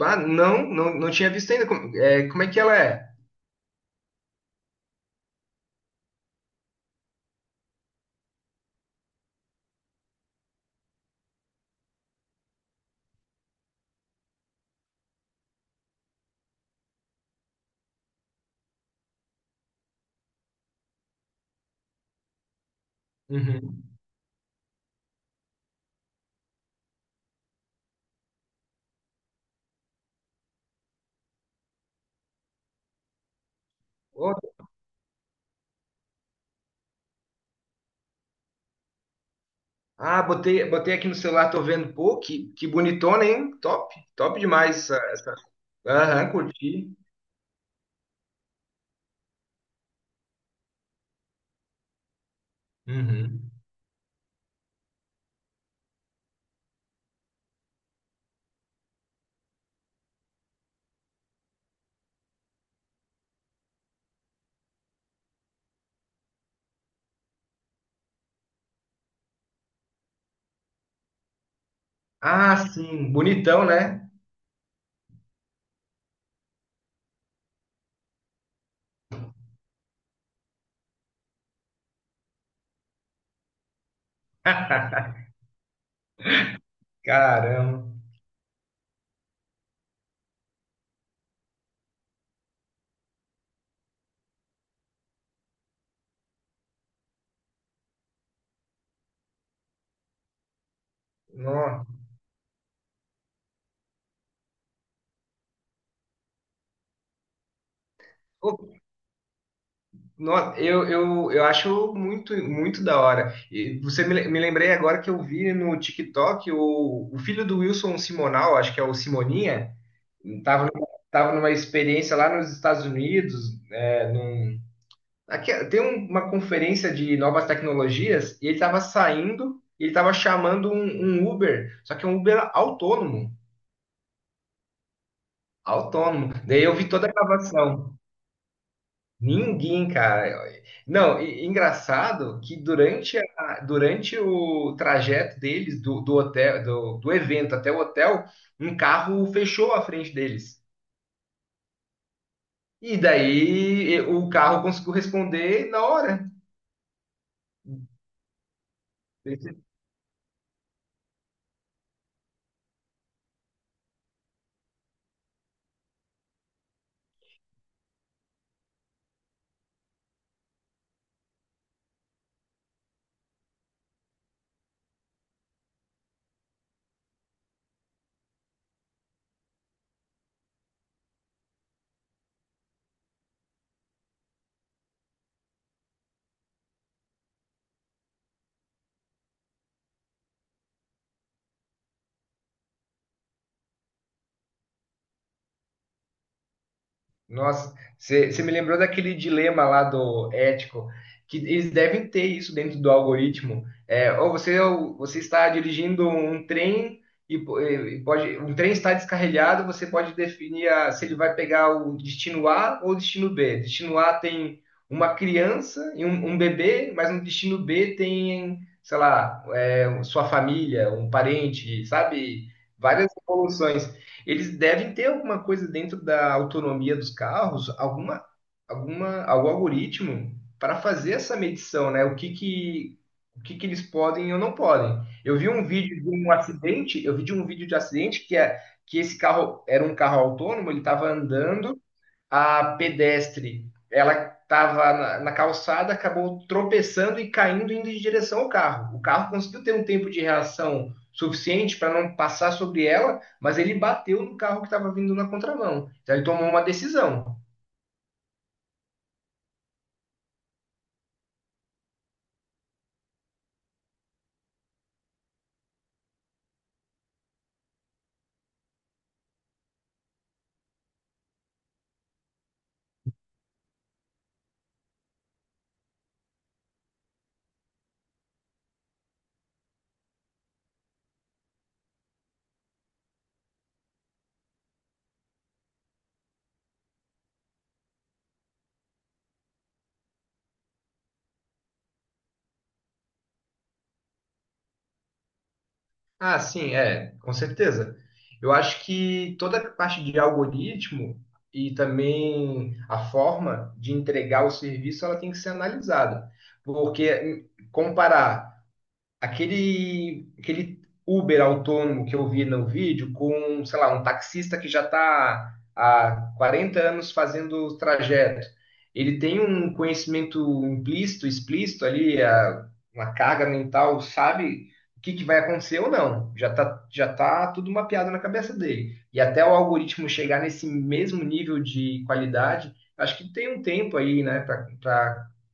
Ah, não tinha visto ainda. Como é que ela é? Uhum. Ó, ah, botei aqui no celular, tô vendo. Pô, que bonitona, hein? Top demais essa. Aham, curti. Uhum. Ah, sim, bonitão, né? Caramba. Nossa, pô, nossa, eu acho muito da hora. E você me lembrei agora que eu vi no TikTok o filho do Wilson Simonal, acho que é o Simoninha. Tava numa experiência lá nos Estados Unidos, uma conferência de novas tecnologias e ele estava saindo e ele estava chamando um Uber, só que é um Uber autônomo. Daí eu vi toda a gravação. Ninguém, cara. Não, e- engraçado que durante o trajeto deles, do hotel, do evento até o hotel, um carro fechou a frente deles. O carro conseguiu responder na hora. Nossa, você me lembrou daquele dilema lá do ético, que eles devem ter isso dentro do algoritmo. É, ou você está dirigindo um trem e pode, um trem está descarrilhado, você pode se ele vai pegar o destino A ou o destino B. Destino A tem uma criança e um bebê, mas no destino B tem, sei lá, é, sua família, um parente, sabe? Várias evoluções. Eles devem ter alguma coisa dentro da autonomia dos carros, algum algoritmo para fazer essa medição, né? O que que eles podem ou não podem. Eu vi um vídeo de um acidente, eu vi de um vídeo de acidente que esse carro era um carro autônomo, ele estava andando a pedestre, ela estava na calçada, acabou tropeçando e caindo indo em direção ao carro. O carro conseguiu ter um tempo de reação suficiente para não passar sobre ela, mas ele bateu no carro que estava vindo na contramão. Então ele tomou uma decisão. Ah, sim, é, com certeza. Eu acho que toda a parte de algoritmo e também a forma de entregar o serviço, ela tem que ser analisada. Porque comparar aquele Uber autônomo que eu vi no vídeo com, sei lá, um taxista que já está há 40 anos fazendo o trajeto. Ele tem um conhecimento implícito, explícito ali, uma carga mental, sabe o que que vai acontecer ou não. Já tá tudo mapeado na cabeça dele. E até o algoritmo chegar nesse mesmo nível de qualidade, acho que tem um tempo aí, né,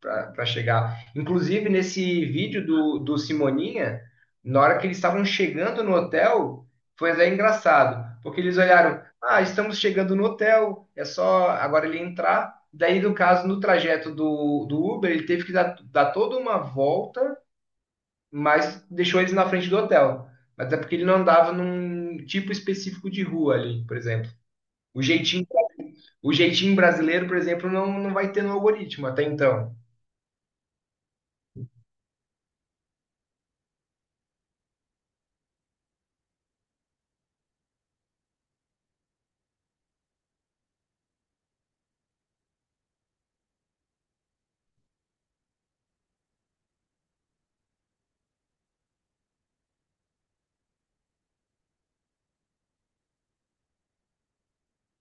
para chegar. Inclusive, nesse vídeo do Simoninha, na hora que eles estavam chegando no hotel, foi até engraçado, porque eles olharam, ah, estamos chegando no hotel, é só agora ele entrar. Daí, no caso, no trajeto do Uber, ele teve que dar toda uma volta, mas deixou eles na frente do hotel. Até porque ele não andava num tipo específico de rua ali, por exemplo. O jeitinho, o jeitinho brasileiro, por exemplo, não vai ter no algoritmo até então.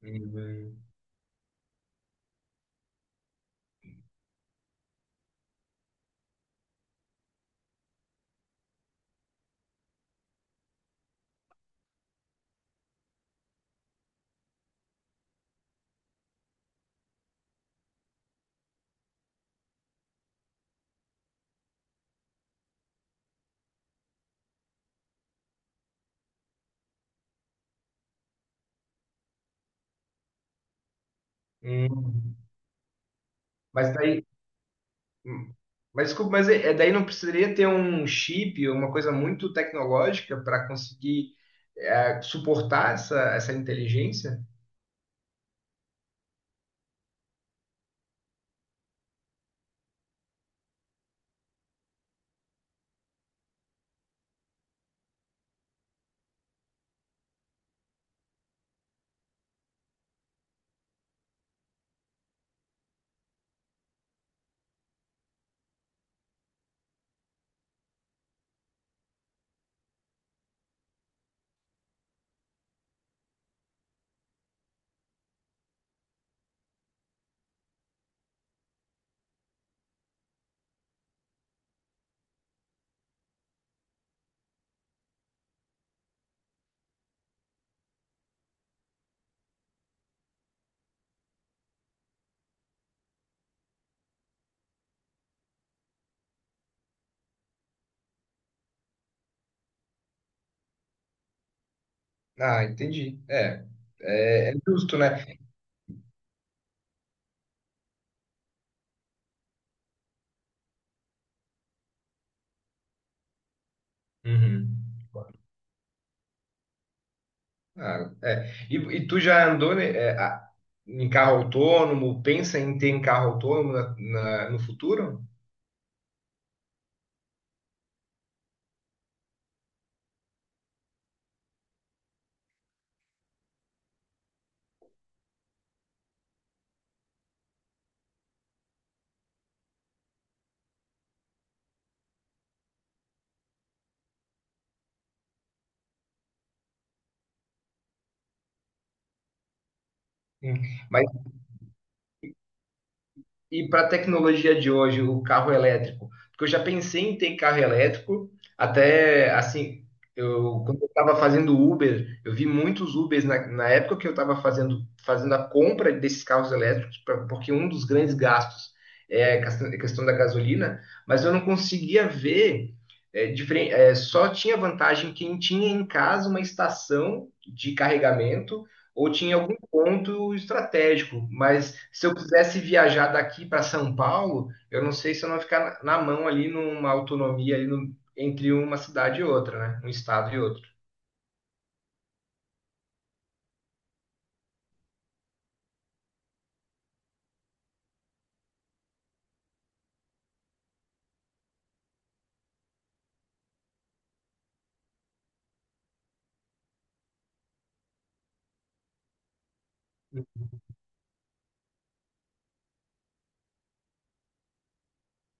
Hum. Hum. Mas daí hum. Mas desculpa, é daí não precisaria ter um chip, uma coisa muito tecnológica para conseguir é, suportar essa inteligência? Ah, entendi. É justo, né? Uhum. Ah, é. E tu já andou, né, em carro autônomo? Pensa em ter um carro autônomo no futuro? Hum. Mas e para a tecnologia de hoje, o carro elétrico? Porque eu já pensei em ter carro elétrico, até assim, eu, quando eu estava fazendo Uber, eu vi muitos Ubers na época que eu estava fazendo a compra desses carros elétricos, porque um dos grandes gastos é a questão da gasolina, mas eu não conseguia ver. É, só tinha vantagem quem tinha em casa uma estação de carregamento ou tinha ponto estratégico, mas se eu quisesse viajar daqui para São Paulo, eu não sei se eu não ia ficar na na mão ali numa autonomia ali entre uma cidade e outra, né? Um estado e outro.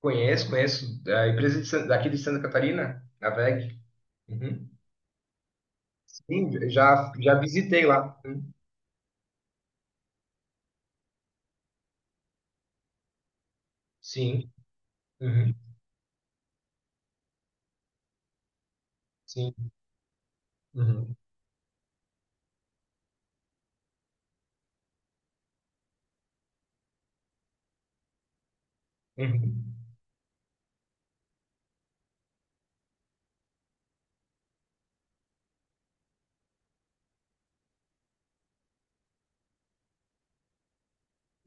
Conheço a empresa daqui de Santa Catarina, a WEG. Uhum. Sim, já já visitei lá. Sim. Uhum. Sim. Uhum. Uhum.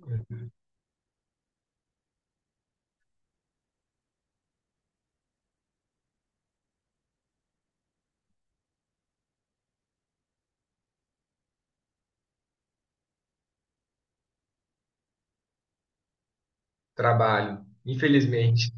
Uhum. Trabalho, infelizmente.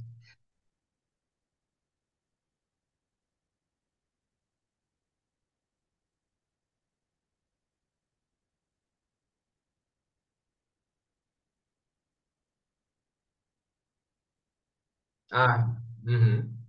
Ah, uhum.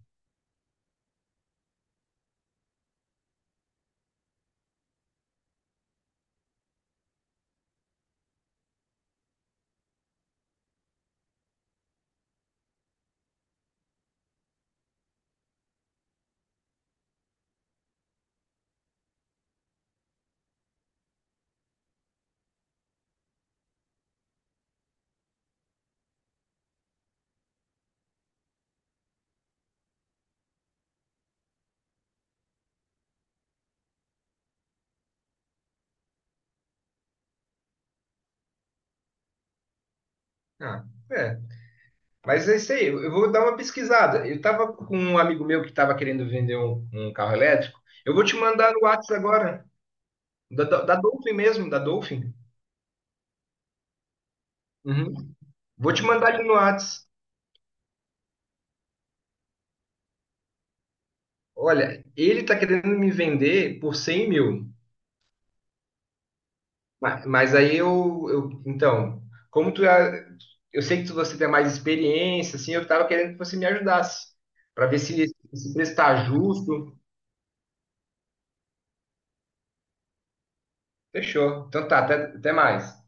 Ah, é. Mas é isso aí, eu vou dar uma pesquisada. Eu tava com um amigo meu que tava querendo vender um carro elétrico. Eu vou te mandar no Whats agora, da Dolphin mesmo, da Dolphin. Uhum. Vou te mandar ali no Whats. Olha, ele tá querendo me vender por 100 mil. Então, como tu, é- eu sei que você tem mais experiência, assim, eu tava querendo que você me ajudasse, para ver se esse preço tá justo. Fechou. Então tá, até mais.